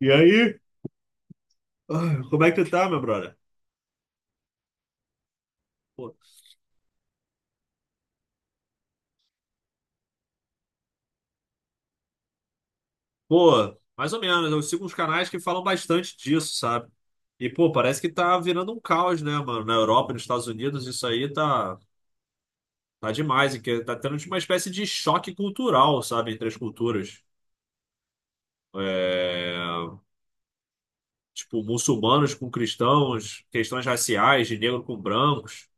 E aí? Ah, como é que tu tá, meu brother? Pô, pô, mais ou menos. Eu sigo uns canais que falam bastante disso, sabe? E, pô, parece que tá virando um caos, né, mano? Na Europa, nos Estados Unidos, isso aí tá demais. E que tá tendo tipo, uma espécie de choque cultural, sabe? Entre as culturas. É, tipo, muçulmanos com cristãos, questões raciais, de negro com brancos.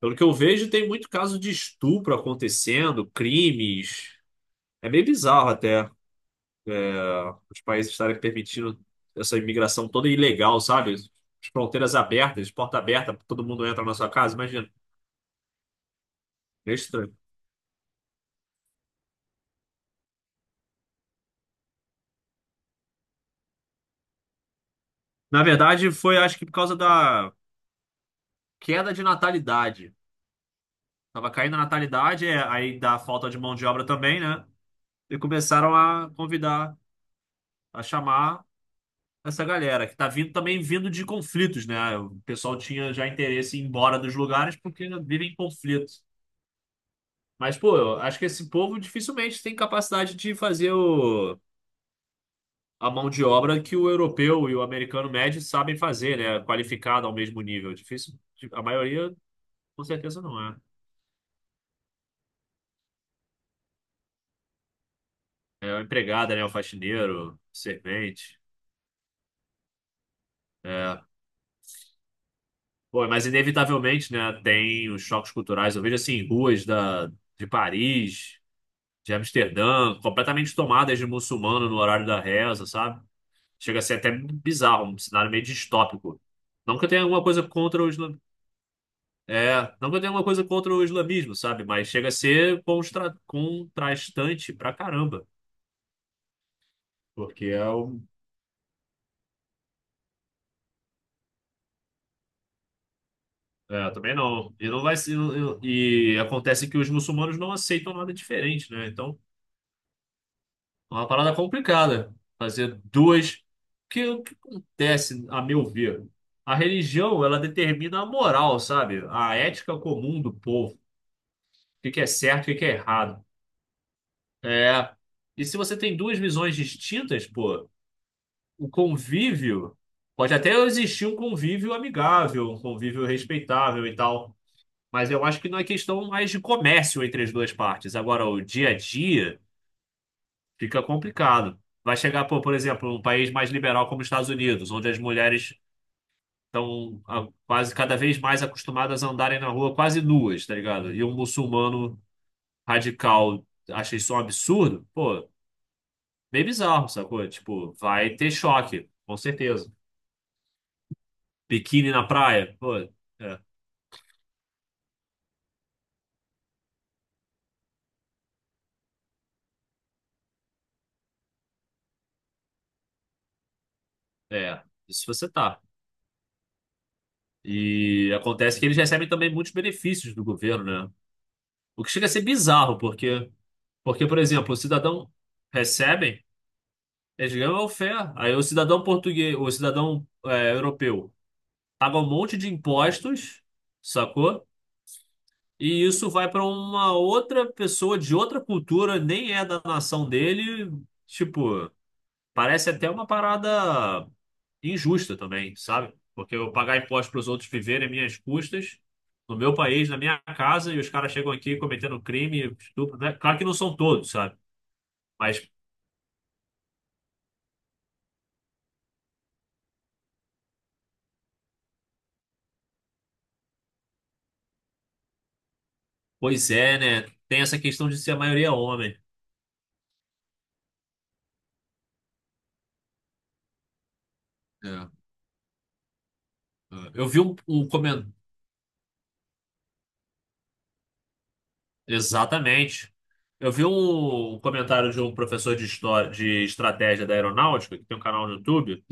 Pelo que eu vejo, tem muito caso de estupro acontecendo, crimes. É meio bizarro até os países estarem permitindo essa imigração toda ilegal, sabe? As fronteiras abertas, porta aberta, todo mundo entra na sua casa, imagina. É estranho. Na verdade, foi acho que por causa da queda de natalidade. Tava caindo a natalidade, é, aí da falta de mão de obra também, né? E começaram a convidar, a chamar essa galera, que tá vindo também vindo de conflitos, né? O pessoal tinha já interesse em ir embora dos lugares porque vivem em conflitos. Mas, pô, eu acho que esse povo dificilmente tem capacidade de fazer o a mão de obra que o europeu e o americano médio sabem fazer, né? Qualificado ao mesmo nível. Difícil, a maioria com certeza não é. É o empregada, né? O faxineiro, servente. É. Pô, mas inevitavelmente, né? Tem os choques culturais. Eu vejo assim, ruas da, de Paris, de Amsterdã, completamente tomadas de muçulmano no horário da reza, sabe? Chega a ser até bizarro, um cenário meio distópico. Não que eu tenha alguma coisa contra os É, não que eu tenha alguma coisa contra o islamismo, sabe? Mas chega a ser contrastante pra caramba. Porque é o. É, também não. E não vai ser. E acontece que os muçulmanos não aceitam nada diferente, né? Então, é uma parada complicada. Fazer duas. Porque o que acontece, a meu ver? A religião, ela determina a moral, sabe? A ética comum do povo. O que que é certo, o que que é errado. É. E se você tem duas visões distintas, pô, o convívio, pode até existir um convívio amigável, um convívio respeitável e tal, mas eu acho que não é questão mais de comércio entre as duas partes. Agora, o dia a dia fica complicado. Vai chegar, pô, por exemplo, um país mais liberal como os Estados Unidos, onde as mulheres estão quase cada vez mais acostumadas a andarem na rua quase nuas, tá ligado? E um muçulmano radical acha isso um absurdo, pô, meio bizarro, sacou? Tipo, vai ter choque, com certeza. Biquíni na praia? Pô, é, é, isso você tá. E acontece que eles recebem também muitos benefícios do governo, né? O que chega a ser bizarro, porque, por exemplo, o cidadão recebem, eles ganham welfare. Aí o cidadão português, o cidadão é, europeu, paga um monte de impostos, sacou? E isso vai para uma outra pessoa de outra cultura, nem é da nação dele. Tipo, parece até uma parada e injusta também, sabe? Porque eu pagar imposto para os outros viverem às minhas custas, no meu país, na minha casa, e os caras chegam aqui cometendo crime, estupro, né? Claro que não são todos, sabe? Mas, pois é, né? Tem essa questão de ser a maioria homem. É, é. Eu vi um comentário. Exatamente. Eu vi um comentário de um professor de história, de estratégia da aeronáutica, que tem um canal no YouTube,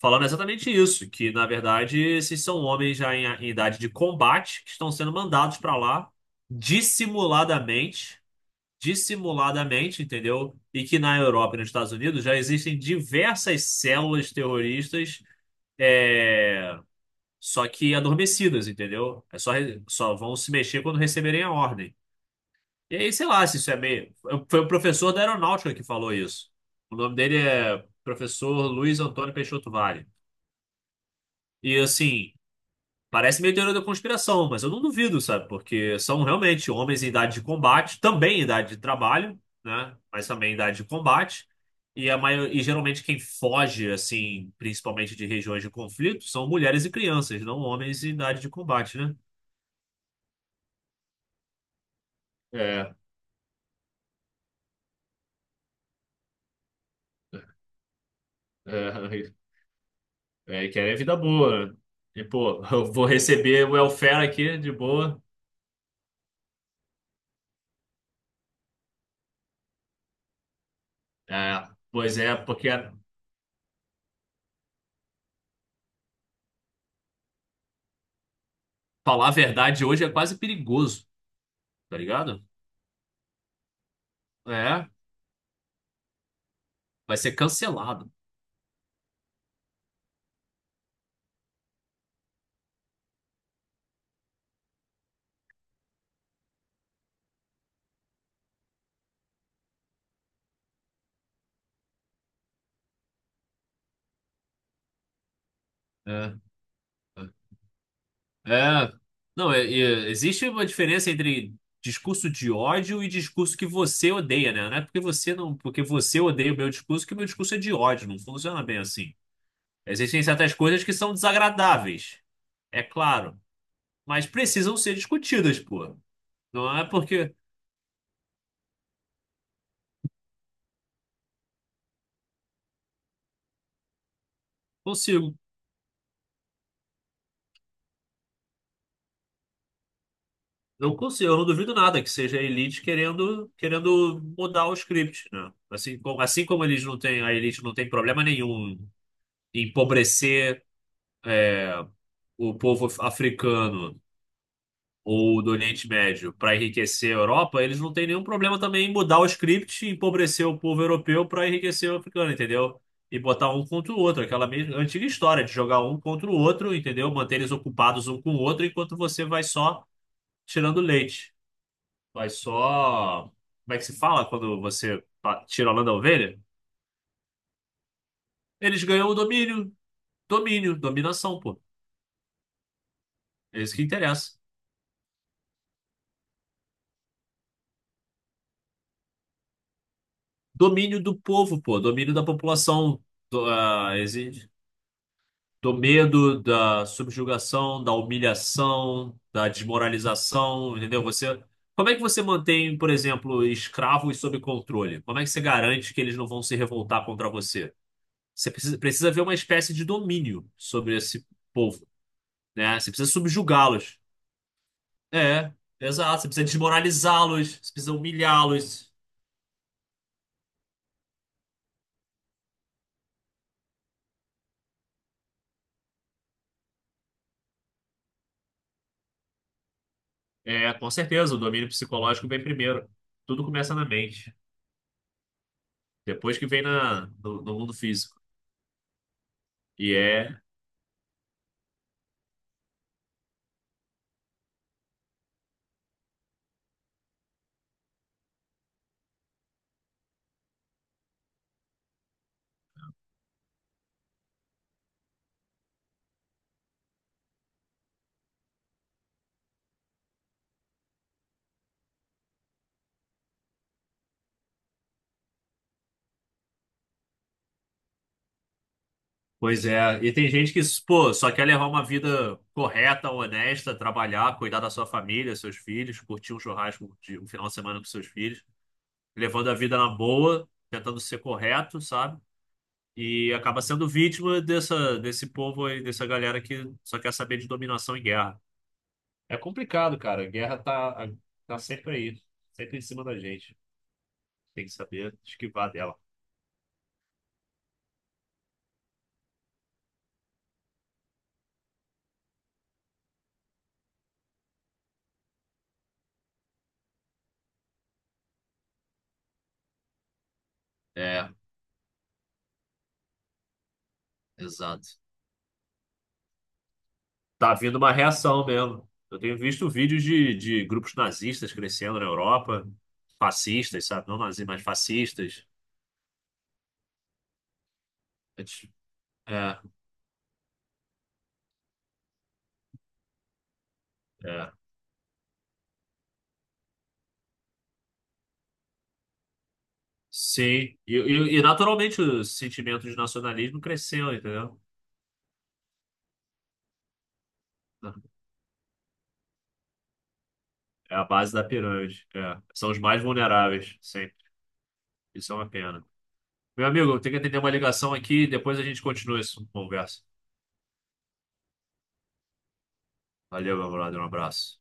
falando exatamente isso, que na verdade esses são homens já em idade de combate que estão sendo mandados para lá dissimuladamente, dissimuladamente, entendeu? E que na Europa e nos Estados Unidos já existem diversas células terroristas, é, só que adormecidas, entendeu? É só, só vão se mexer quando receberem a ordem. E aí, sei lá se isso é meio. Foi o professor da aeronáutica que falou isso. O nome dele é professor Luiz Antônio Peixoto Vale. E assim. Parece meio teoria da conspiração, mas eu não duvido, sabe? Porque são realmente homens em idade de combate, também em idade de trabalho, né? Mas também em idade de combate. E a maior... e geralmente quem foge, assim, principalmente de regiões de conflito, são mulheres e crianças, não homens em idade de combate, né? É, é, é, querem vida boa, né? E, pô, eu vou receber welfare aqui de boa. É, pois é, porque falar a verdade hoje é quase perigoso, tá ligado? É, vai ser cancelado. É. É, não, é- é- existe uma diferença entre discurso de ódio e discurso que você odeia, né? Não é porque você não, porque você odeia o meu discurso que o meu discurso é de ódio, não funciona bem assim. Existem certas coisas que são desagradáveis, é claro, mas precisam ser discutidas, pô. Não é porque consigo, não consigo, eu não duvido nada que seja a elite querendo mudar o script, né? Assim como eles não têm, a elite não tem problema nenhum em empobrecer o povo africano ou do Oriente Médio para enriquecer a Europa, eles não têm nenhum problema também em mudar o script e empobrecer o povo europeu para enriquecer o africano, entendeu? E botar um contra o outro, aquela mesma antiga história de jogar um contra o outro, entendeu? Manter eles ocupados um com o outro enquanto você vai só tirando leite. Vai só. Como é que se fala quando você tira a lã da ovelha? Eles ganham o domínio. Domínio, dominação, pô. É isso que interessa. Domínio do povo, pô, domínio da população, do, ah, do medo, da subjugação, da humilhação, da desmoralização, entendeu? Você, como é que você mantém, por exemplo, escravos sob controle? Como é que você garante que eles não vão se revoltar contra você? Você precisa ver uma espécie de domínio sobre esse povo, né? Você precisa subjugá-los. É, exato. Você precisa desmoralizá-los, você precisa humilhá-los. É, com certeza, o domínio psicológico vem primeiro. Tudo começa na mente. Depois que vem na, no, no mundo físico. E é. Pois é. E tem gente que, pô, só quer levar uma vida correta, honesta, trabalhar, cuidar da sua família, seus filhos, curtir um churrasco de um final de semana com seus filhos, levando a vida na boa, tentando ser correto, sabe? E acaba sendo vítima dessa, desse povo aí, dessa galera que só quer saber de dominação e guerra. É complicado, cara. A guerra tá, tá sempre aí, sempre em cima da gente. Tem que saber esquivar dela. É, exato. Tá vindo uma reação mesmo. Eu tenho visto vídeos de grupos nazistas crescendo na Europa, fascistas, sabe? Não nazis, mas fascistas. É, é. Sim. E naturalmente o sentimento de nacionalismo cresceu, entendeu? É a base da pirâmide. É. São os mais vulneráveis, sempre. Isso é uma pena. Meu amigo, eu tenho que atender uma ligação aqui, depois a gente continua essa conversa. Valeu, meu brother, um abraço.